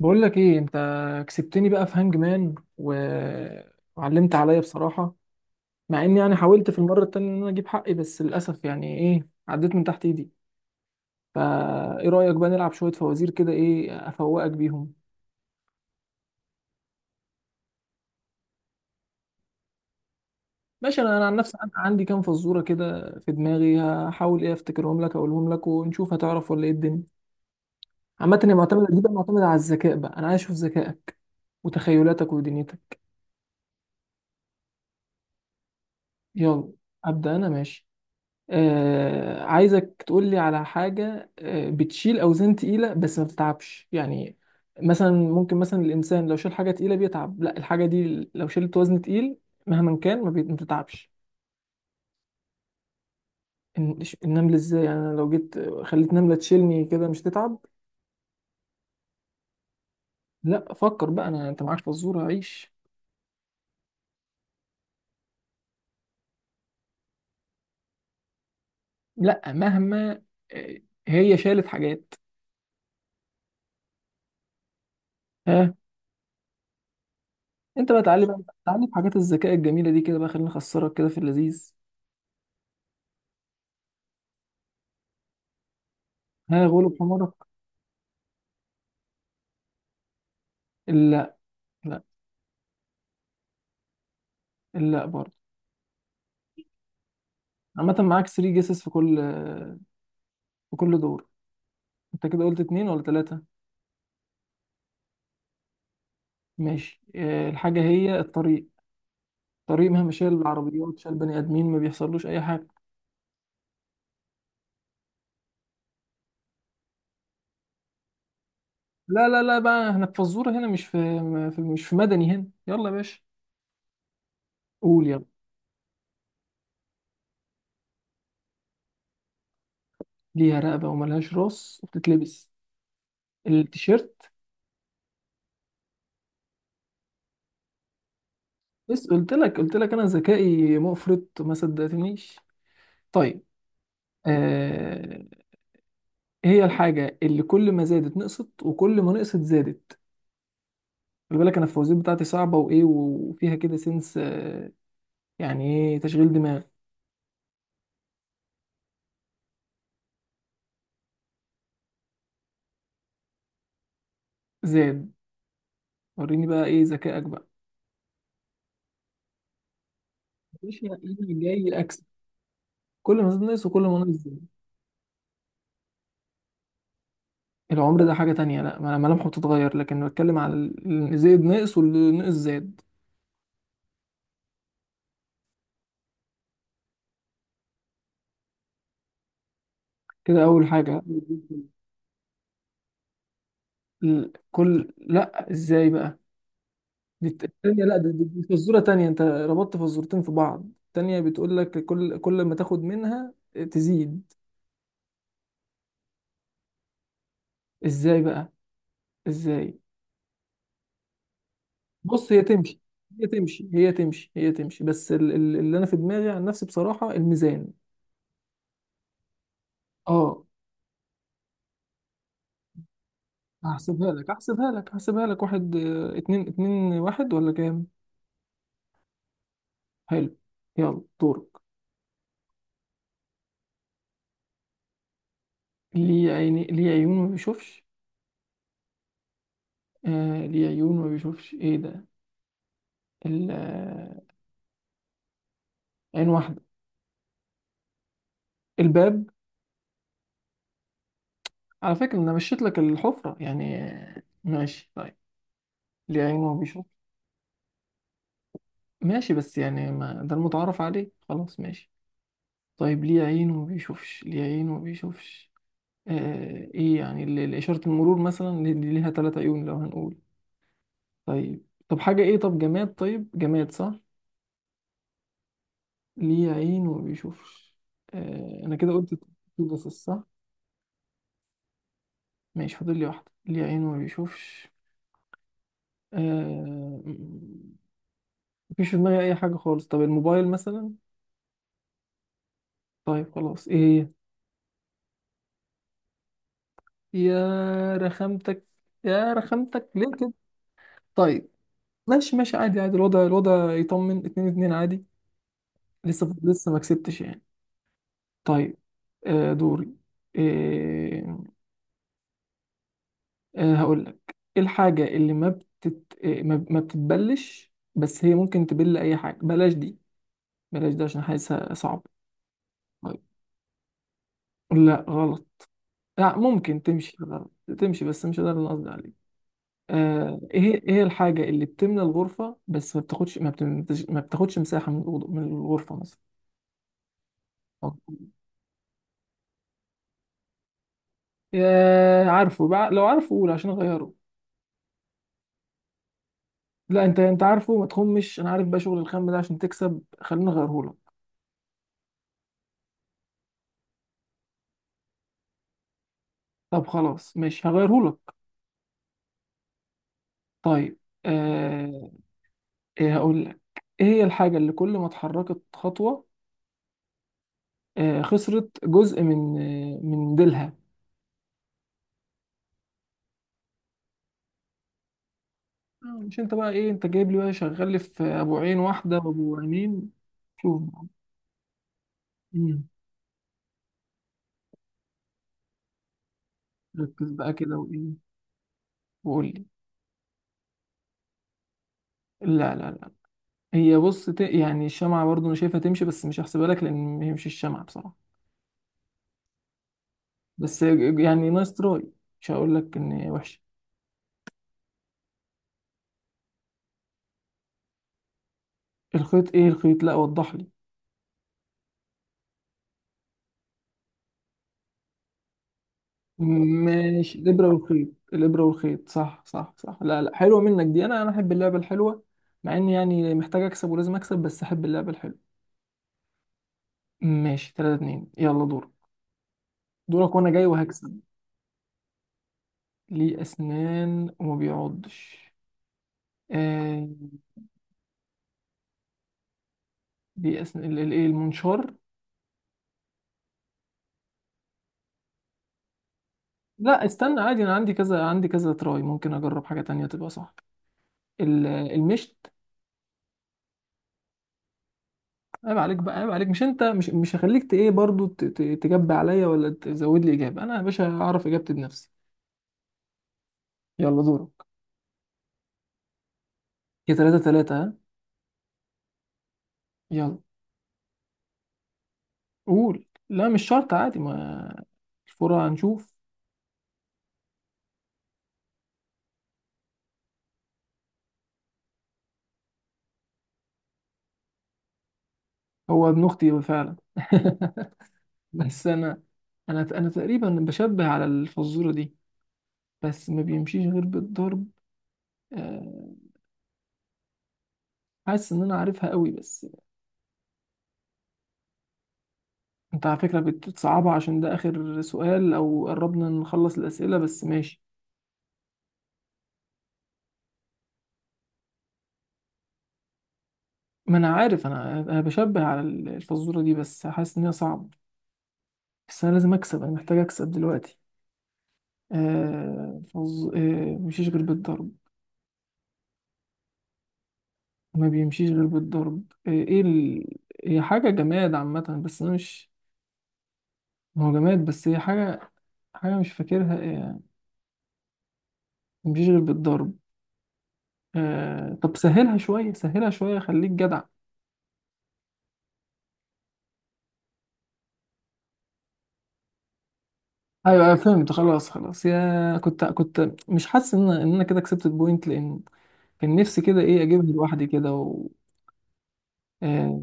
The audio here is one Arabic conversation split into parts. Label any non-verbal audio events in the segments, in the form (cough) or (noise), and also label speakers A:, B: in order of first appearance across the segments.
A: بقول لك ايه انت كسبتني بقى في هانج مان و... وعلمت عليا بصراحة. مع اني يعني حاولت في المرة التانية ان انا اجيب حقي، بس للاسف يعني ايه، عديت من تحت ايدي. فا ايه رأيك بقى نلعب شوية فوازير كده، ايه افوقك بيهم؟ ماشي، انا عن نفسي عندي كام فزورة كده في دماغي، هحاول ايه افتكرهم لك، اقولهم لك ونشوف هتعرف ولا ايه الدنيا. عامة هي معتمدة، دي بقى معتمدة على الذكاء بقى، انا عايز اشوف ذكائك وتخيلاتك ودنيتك. يلا ابدأ، انا ماشي. آه، عايزك تقول لي على حاجة، بتشيل أوزان تقيلة بس ما بتتعبش يعني. مثلا ممكن مثلا الإنسان لو شال حاجة تقيلة بيتعب، لا، الحاجة دي لو شلت وزن تقيل مهما كان ما بتتعبش. النملة؟ إزاي يعني، أنا لو جيت خليت نملة تشيلني كده مش تتعب؟ لا فكر بقى، أنت معاك فزورة عيش. لا، مهما آه، هي شالت حاجات. ها، أنت بقى تعالي بقى، تعالي في حاجات الذكاء الجميلة دي كده بقى، خليني أخسرك كده في اللذيذ. ها، غلب حمارك. لا لا، لا برضه. عامة معاك 3 جيسز في كل دور. انت كده قلت اتنين ولا تلاتة؟ ماشي. الحاجة هي الطريق. الطريق مهما شال العربيات، شال بني آدمين، ما بيحصلوش أي حاجة. لا لا لا، بقى احنا في فزورة هنا، مش في مدني هنا، يلا يا باشا. قول يلا. ليها رقبة وملهاش راس وبتتلبس، التيشيرت. بس قلت لك، قلت لك أنا ذكائي مفرط ما صدقتنيش. طيب، آه هي الحاجة اللي كل ما زادت نقصت وكل ما نقصت زادت. خلي بالك انا الفوازير بتاعتي صعبه وايه، وفيها كده سنس، يعني ايه، تشغيل دماغ. زاد. وريني بقى ايه ذكائك بقى، مش يعني جاي اكسب. كل ما زاد ناقص وكل ما ناقص زاد. العمر ده حاجه تانية، لا، ملامحه بتتغير، لكن بتكلم على اللي زاد ناقص واللي ناقص زاد. كده اول حاجه. كل، لا، ازاي بقى؟ دي التانية، لا، دي فزوره تانية، انت ربطت فزورتين في بعض. التانية بتقول لك كل ما تاخد منها تزيد. ازاي بقى، ازاي؟ بص، هي تمشي، هي تمشي، هي تمشي، هي تمشي، بس اللي انا في دماغي عن نفسي بصراحة، الميزان. اه. هحسبها لك، هحسبها لك، هحسبها لك. واحد، اتنين. اتنين واحد ولا كام؟ حلو. يلا دورك. ليه عيون ما بيشوفش؟ آه، ليه عيون ما بيشوفش، ايه ده؟ ال- آه، عين واحدة. الباب. على فكرة انا مشيت لك الحفرة يعني، ماشي طيب. ليه عيون ما بيشوفش. ماشي بس يعني، ما ده المتعارف عليه، خلاص ماشي. طيب، ليه عين وما بيشوفش؟ ليه عين وما بيشوفش؟ آه، ايه يعني، إشارة المرور مثلا، دي ليها ثلاث عيون لو هنقول. طيب، طب حاجة ايه، طب جماد، طيب جماد صح. ليه عين وما بيشوفش؟ انا كده قلت، بس صح. ماشي، فاضل لي واحدة. ليه عين وما بيشوفش؟ آه مفيش في دماغي اي حاجة خالص. طب الموبايل مثلا؟ طيب خلاص، ايه؟ هي يا رخامتك، يا رخامتك، ليه كده؟ طيب. ماشي ماشي، عادي عادي، الوضع الوضع يطمن، اتنين اتنين، عادي. لسه لسه ما كسبتش يعني. طيب. دوري. آه هقول لك. ايه الحاجة اللي ما بتتبلش، بس هي ممكن تبل اي حاجة؟ بلاش دي، بلاش ده عشان حاسسها صعب. طيب. لا غلط. لا، ممكن تمشي غلط، تمشي، بس مش ده اللي أنا قصدي عليه. ايه ايه الحاجة اللي بتملى الغرفة بس ما بتاخدش مساحة من الغرفة مثلا؟ أوكي. عارفه بقى؟ لو عارفه قول عشان اغيره. لا، انت انت عارفه، ما تخمش، انا عارف بقى شغل الخم ده عشان تكسب، خليني اغيرهولك. طب خلاص ماشي، هغيرهولك. طيب، آه ايه هقول لك. ايه هي الحاجة اللي كل ما اتحركت خطوة خسرت جزء من ديلها؟ مش انت بقى ايه، انت جايب لي بقى شغال لي في ابو عين واحدة وابو عينين. شوف بقى. مم. ركز بقى كده وايه، وقول لي. لا لا لا. هي بص يعني الشمعة برضو انا شايفها تمشي بس مش هحسبها لك، لان ما هي مش الشمعة بصراحة. بس يعني نايس تراي، مش هقول لك ان وحش. الخيط؟ ايه الخيط، لا وضح لي. ماشي، الابره والخيط، الابره والخيط، صح صح صح. لا لا، حلوه منك دي، انا احب اللعبه الحلوه. مع اني يعني محتاج اكسب ولازم اكسب، بس احب اللعبه الحلوه. ماشي 3-2، يلا دورك. دورك وانا جاي وهكسب. ليه اسنان وما بيعضش؟ آه ليه اسنان، الايه، المنشار. لا استنى عادي، انا عندي كذا، عندي كذا تراي، ممكن اجرب حاجه تانية تبقى صح. المشت. عيب عليك بقى، عيب عليك، مش انت مش مش هخليك ايه برضو تجب عليا ولا تزود لي اجابه، انا يا باشا اعرف اجابتي بنفسي. يلا دورك. يا تلاتة تلاتة، ها، يلا. قول، لا مش شرط عادي، ما الفرع هنشوف. هو ابن اختي فعلا (laughs) بس انا تقريبا بشبه على الفزوره دي، بس ما بيمشيش غير بالضرب. آه، حاسس ان انا عارفها قوي، بس انت على فكره بتصعبها عشان ده اخر سؤال او قربنا نخلص الاسئله، بس ماشي. ما انا عارف، انا بشبه على الفزوره دي، بس حاسس ان هي صعبه، بس انا لازم اكسب، انا محتاج اكسب دلوقتي. آه فز... آه مشيش غير بالضرب. ما بيمشيش غير بالضرب. هي حاجه جماد عامه بس انا مش، ما هو جماد، بس هي حاجه مش فاكرها. آه مشيش غير بالضرب. طب سهلها شويه، سهلها شويه، خليك جدع. ايوه ايوه فهمت، خلاص خلاص، يا كنت مش حاسس ان انا كده كسبت البوينت، لان كان نفسي كده ايه اجيبها لوحدي كده آه،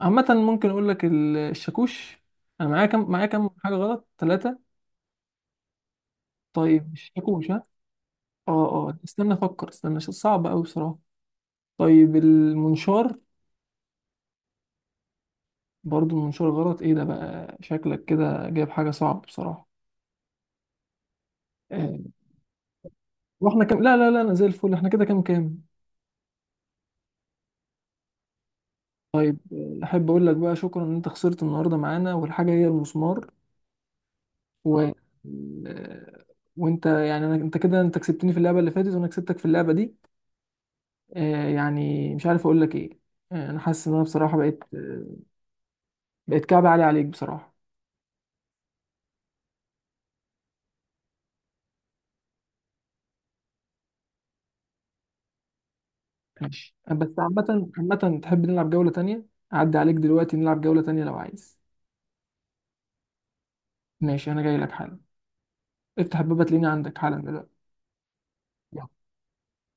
A: عامة ممكن أقول لك الشاكوش. أنا معايا كام، معايا كام حاجة غلط؟ ثلاثة؟ طيب الشاكوش، ها؟ اه اه، استنى أفكر، استنى، صعب أوي بصراحة. طيب المنشار؟ برضو المنشار غلط؟ إيه ده بقى، شكلك كده جايب حاجة صعب بصراحة. آه. وإحنا كام؟ لا لا لا، أنا زي الفل. إحنا كده كام كام؟ طيب. أحب أقول لك بقى شكرا إن أنت خسرت النهاردة معانا، والحاجة هي المسمار. و آه، وأنت يعني، أنا أنت كده أنت كسبتني في اللعبة اللي فاتت، وأنا كسبتك في اللعبة دي. يعني مش عارف اقول لك ايه. انا حاسس ان انا بصراحه بقيت كعب عالي عليك بصراحه. ماشي، بس عامه عامه تحب نلعب جوله تانية؟ اعدي عليك دلوقتي نلعب جوله تانية لو عايز. ماشي انا جاي لك حالا، افتح الباب تلاقيني عندك حالا دلوقتي.